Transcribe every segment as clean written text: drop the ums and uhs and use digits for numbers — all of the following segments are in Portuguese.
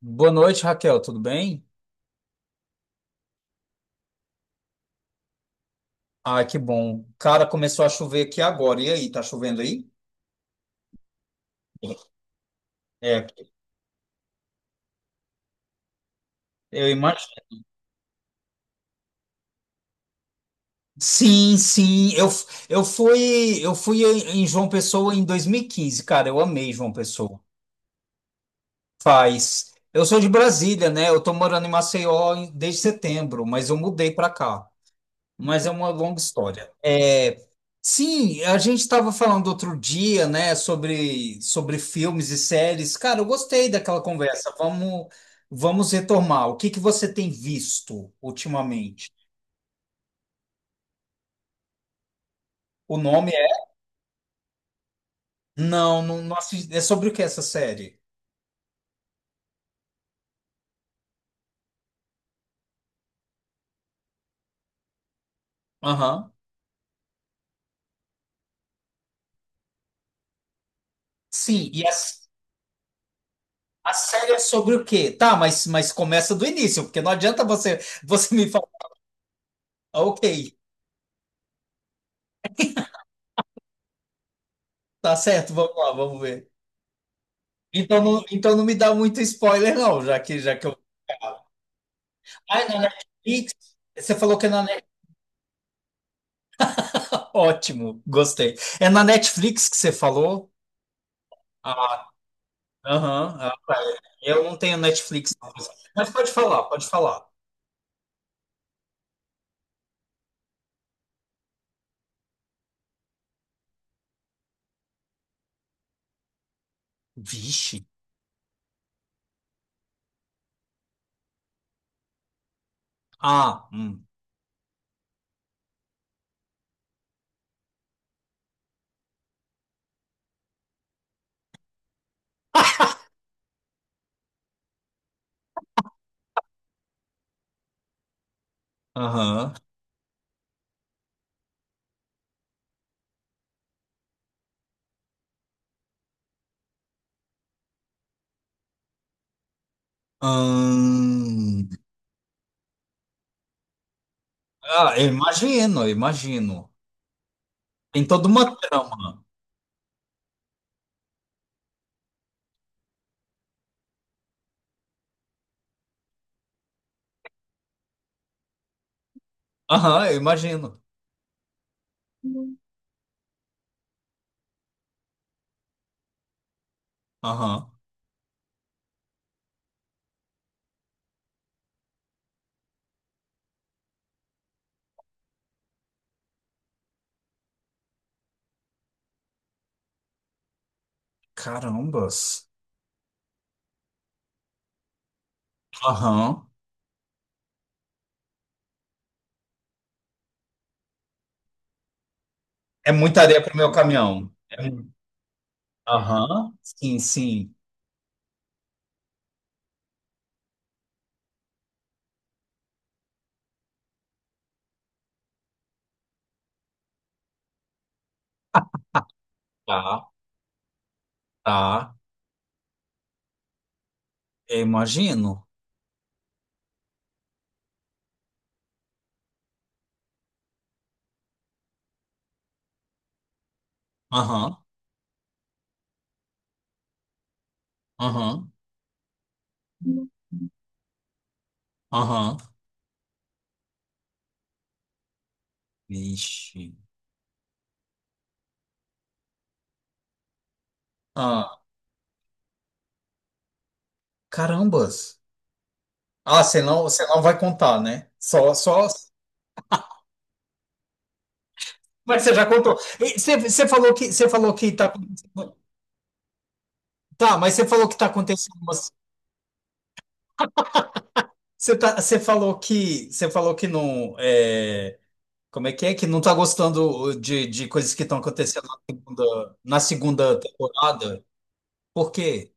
Boa noite, Raquel, tudo bem? Ah, que bom. Cara, começou a chover aqui agora. E aí, tá chovendo aí? É, eu imagino. Sim, sim. Eu fui em João Pessoa em 2015. Cara. Eu amei João Pessoa. Faz. Eu sou de Brasília, né? Eu tô morando em Maceió desde setembro, mas eu mudei pra cá. Mas é uma longa história. É, sim, a gente estava falando outro dia, né, sobre filmes e séries. Cara, eu gostei daquela conversa. Vamos retomar. O que que você tem visto ultimamente? O nome é. Não, não. É sobre o que essa série? Aham. Sim, e a série é sobre o quê? Tá, mas começa do início, porque não adianta você me falar. Ah, ok, tá certo, vamos lá, vamos ver. Então não me dá muito spoiler, não, já que eu. Ah, é na Netflix? Você falou que é na Netflix. Ótimo, gostei. É na Netflix que você falou? Ah, aham. Ah, tá. Eu não tenho Netflix, não. Mas pode falar, pode falar. Vixe. Ah. Aham. Hum. Ah, eu imagino, eu imagino. Tem toda uma trama. Aham, eu imagino. Aham. Carambas. Aham. É muita areia pro meu caminhão. Aham. Sim, sim. Tá, tá. Eu imagino. Aham, aham, aham. Vixe. Ah, carambas. Ah, você não vai contar, né? Só, só. Mas você já contou. E Você, você falou que tá. Tá, mas você falou que tá acontecendo, umas- Você falou que não. É, como é? Que não tá gostando de coisas que estão acontecendo na segunda temporada. Por quê?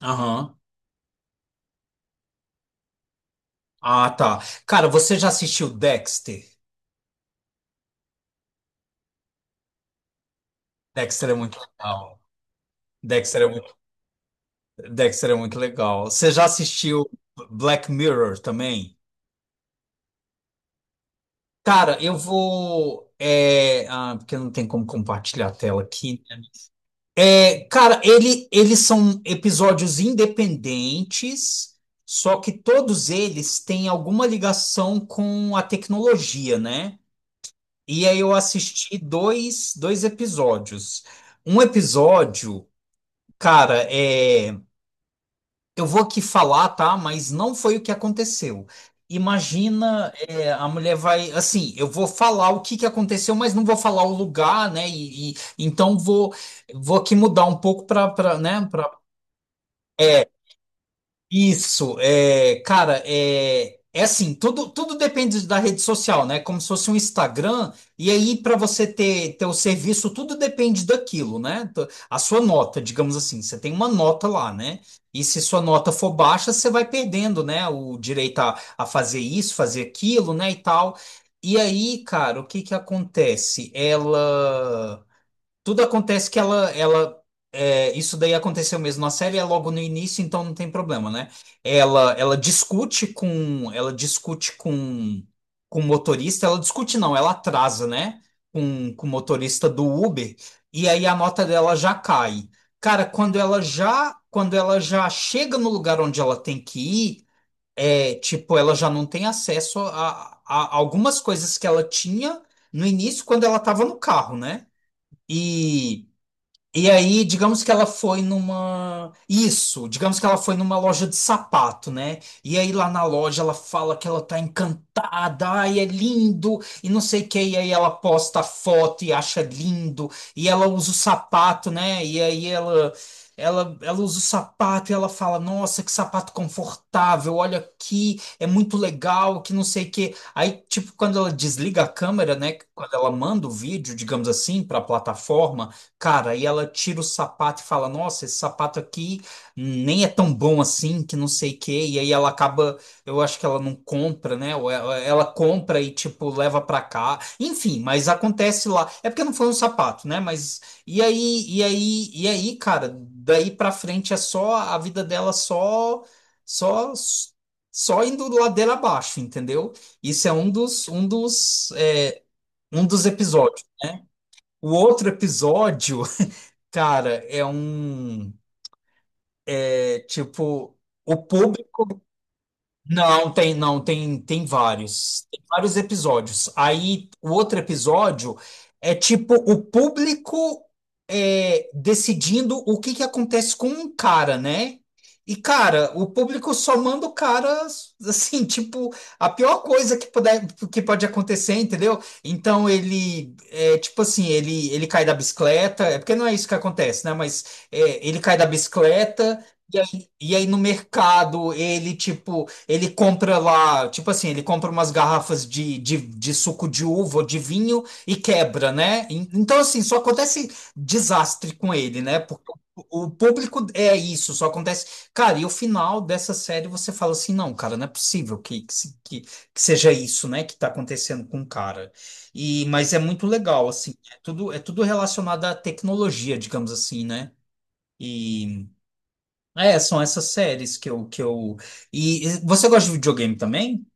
Aham. Ah, tá. Cara, você já assistiu Dexter? Dexter é muito legal. Dexter é muito, Dexter é muito legal. Você já assistiu Black Mirror também? Cara, eu vou. É, ah, porque não tem como compartilhar a tela aqui, né? É, cara, eles são episódios independentes, só que todos eles têm alguma ligação com a tecnologia, né? E aí eu assisti dois episódios. Um episódio, cara, é. Eu vou aqui falar, tá? Mas não foi o que aconteceu. Imagina, é, a mulher vai, assim, eu vou falar o que que aconteceu, mas não vou falar o lugar, né? Então vou aqui mudar um pouco para, né? Isso, é, cara, é assim, tudo depende da rede social, né? Como se fosse um Instagram, e aí para você ter, ter o serviço, tudo depende daquilo, né? A sua nota, digamos assim, você tem uma nota lá, né? E se sua nota for baixa, você vai perdendo, né? O direito a fazer isso, fazer aquilo, né? E tal. E aí, cara, o que que acontece? Ela. Tudo acontece que ela é, isso daí aconteceu mesmo na série, é logo no início, então não tem problema, né? Ela discute com, com o motorista, ela discute não, ela atrasa, né? Com o motorista do Uber, e aí a nota dela já cai. Cara, quando ela já chega no lugar onde ela tem que ir, é, tipo, ela já não tem acesso a algumas coisas que ela tinha no início quando ela estava no carro, né? E e aí, digamos que ela foi numa. Isso, digamos que ela foi numa loja de sapato, né? E aí lá na loja ela fala que ela tá encantada, ai, é lindo, e não sei o que, e aí ela posta a foto e acha lindo, e ela usa o sapato, né? E aí ela. Ela usa o sapato e ela fala: Nossa, que sapato confortável, olha aqui, é muito legal, que não sei o quê. Aí, tipo, quando ela desliga a câmera, né? Quando ela manda o vídeo, digamos assim, para a plataforma. Cara, e ela tira o sapato e fala: Nossa, esse sapato aqui nem é tão bom assim, que não sei o quê. E aí ela acaba, eu acho que ela não compra, né? Ou ela compra e, tipo, leva pra cá. Enfim, mas acontece lá. É porque não foi um sapato, né? Mas. E aí, cara, daí pra frente é só. A vida dela só. Só. Só indo ladeira abaixo, entendeu? Isso é um dos. Um dos. É, um dos episódios. O outro episódio. Cara, é um. É tipo. O público. Não, tem, não, tem vários. Tem vários episódios. Aí, o outro episódio é tipo o público é, decidindo o que que acontece com um cara, né? E, cara, o público só manda o cara, assim, tipo, a pior coisa que puder, que pode acontecer, entendeu? Então, ele, é, tipo assim, ele cai da bicicleta, é porque não é isso que acontece, né? Mas é, ele cai da bicicleta. E aí no mercado ele tipo ele compra lá, tipo assim, ele compra umas garrafas de suco de uva ou de vinho e quebra, né? Então assim só acontece desastre com ele, né, porque o público é isso, só acontece. Cara, e o final dessa série, você fala assim: Não, cara, não é possível que, se- que seja isso, né, que tá acontecendo com o cara. E mas é muito legal, assim, é tudo relacionado à tecnologia, digamos assim, né? E é, são essas séries que eu... E você gosta de videogame também?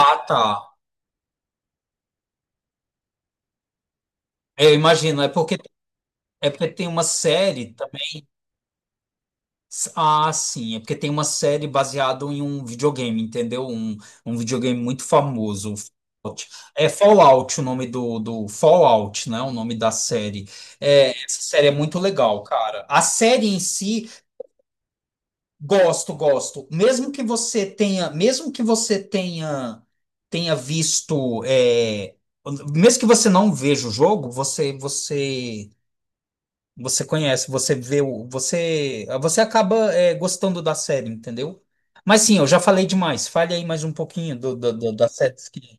Ah, tá. Eu imagino, é porque tem uma série também. Ah, sim, é porque tem uma série baseada em um videogame, entendeu? Um videogame muito famoso. O Fallout. É Fallout, o nome do Fallout, né? O nome da série. É, essa série é muito legal, cara. A série em si. Gosto, gosto. Mesmo que você tenha visto, é, mesmo que você não veja o jogo, você conhece, você vê, você acaba, é, gostando da série, entendeu? Mas sim, eu já falei demais. Fale aí mais um pouquinho das séries que.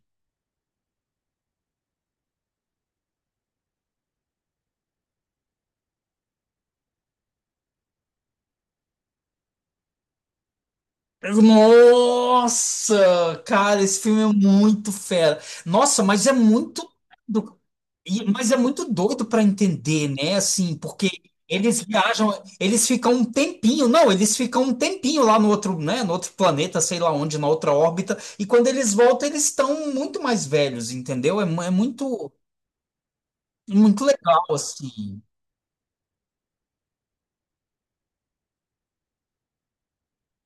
Nossa, cara, esse filme é muito fera. Nossa, mas é muito. Mas é muito doido para entender, né? Assim, porque eles viajam, eles ficam um tempinho, não, eles ficam um tempinho lá no outro, né? No outro planeta, sei lá onde, na outra órbita. E quando eles voltam, eles estão muito mais velhos, entendeu? É muito, muito legal, assim.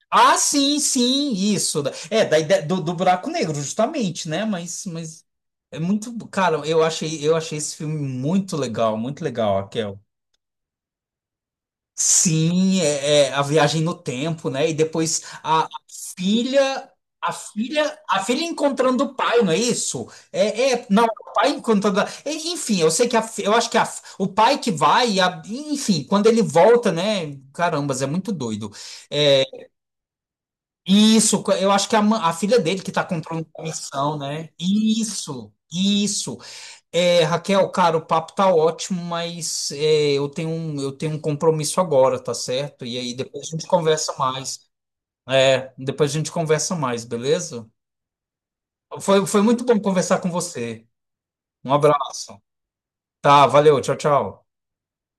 Ah, sim, sim, isso. É, da ideia do buraco negro, justamente, né? Mas é muito, cara, eu achei esse filme muito legal, Raquel. Sim, é a viagem no tempo, né? E depois filha, a filha encontrando o pai, não é isso? É, não, o pai encontrando. Enfim, eu sei que eu acho que o pai que vai, enfim, quando ele volta, né? Carambas, é muito doido. Isso, eu acho que a filha dele que tá controlando a missão, né? Isso, isso. É, Raquel, cara, o papo tá ótimo, mas é, eu tenho um compromisso agora, tá certo? E aí depois a gente conversa mais. É, depois a gente conversa mais, beleza? Foi muito bom conversar com você. Um abraço. Tá, valeu, tchau, tchau.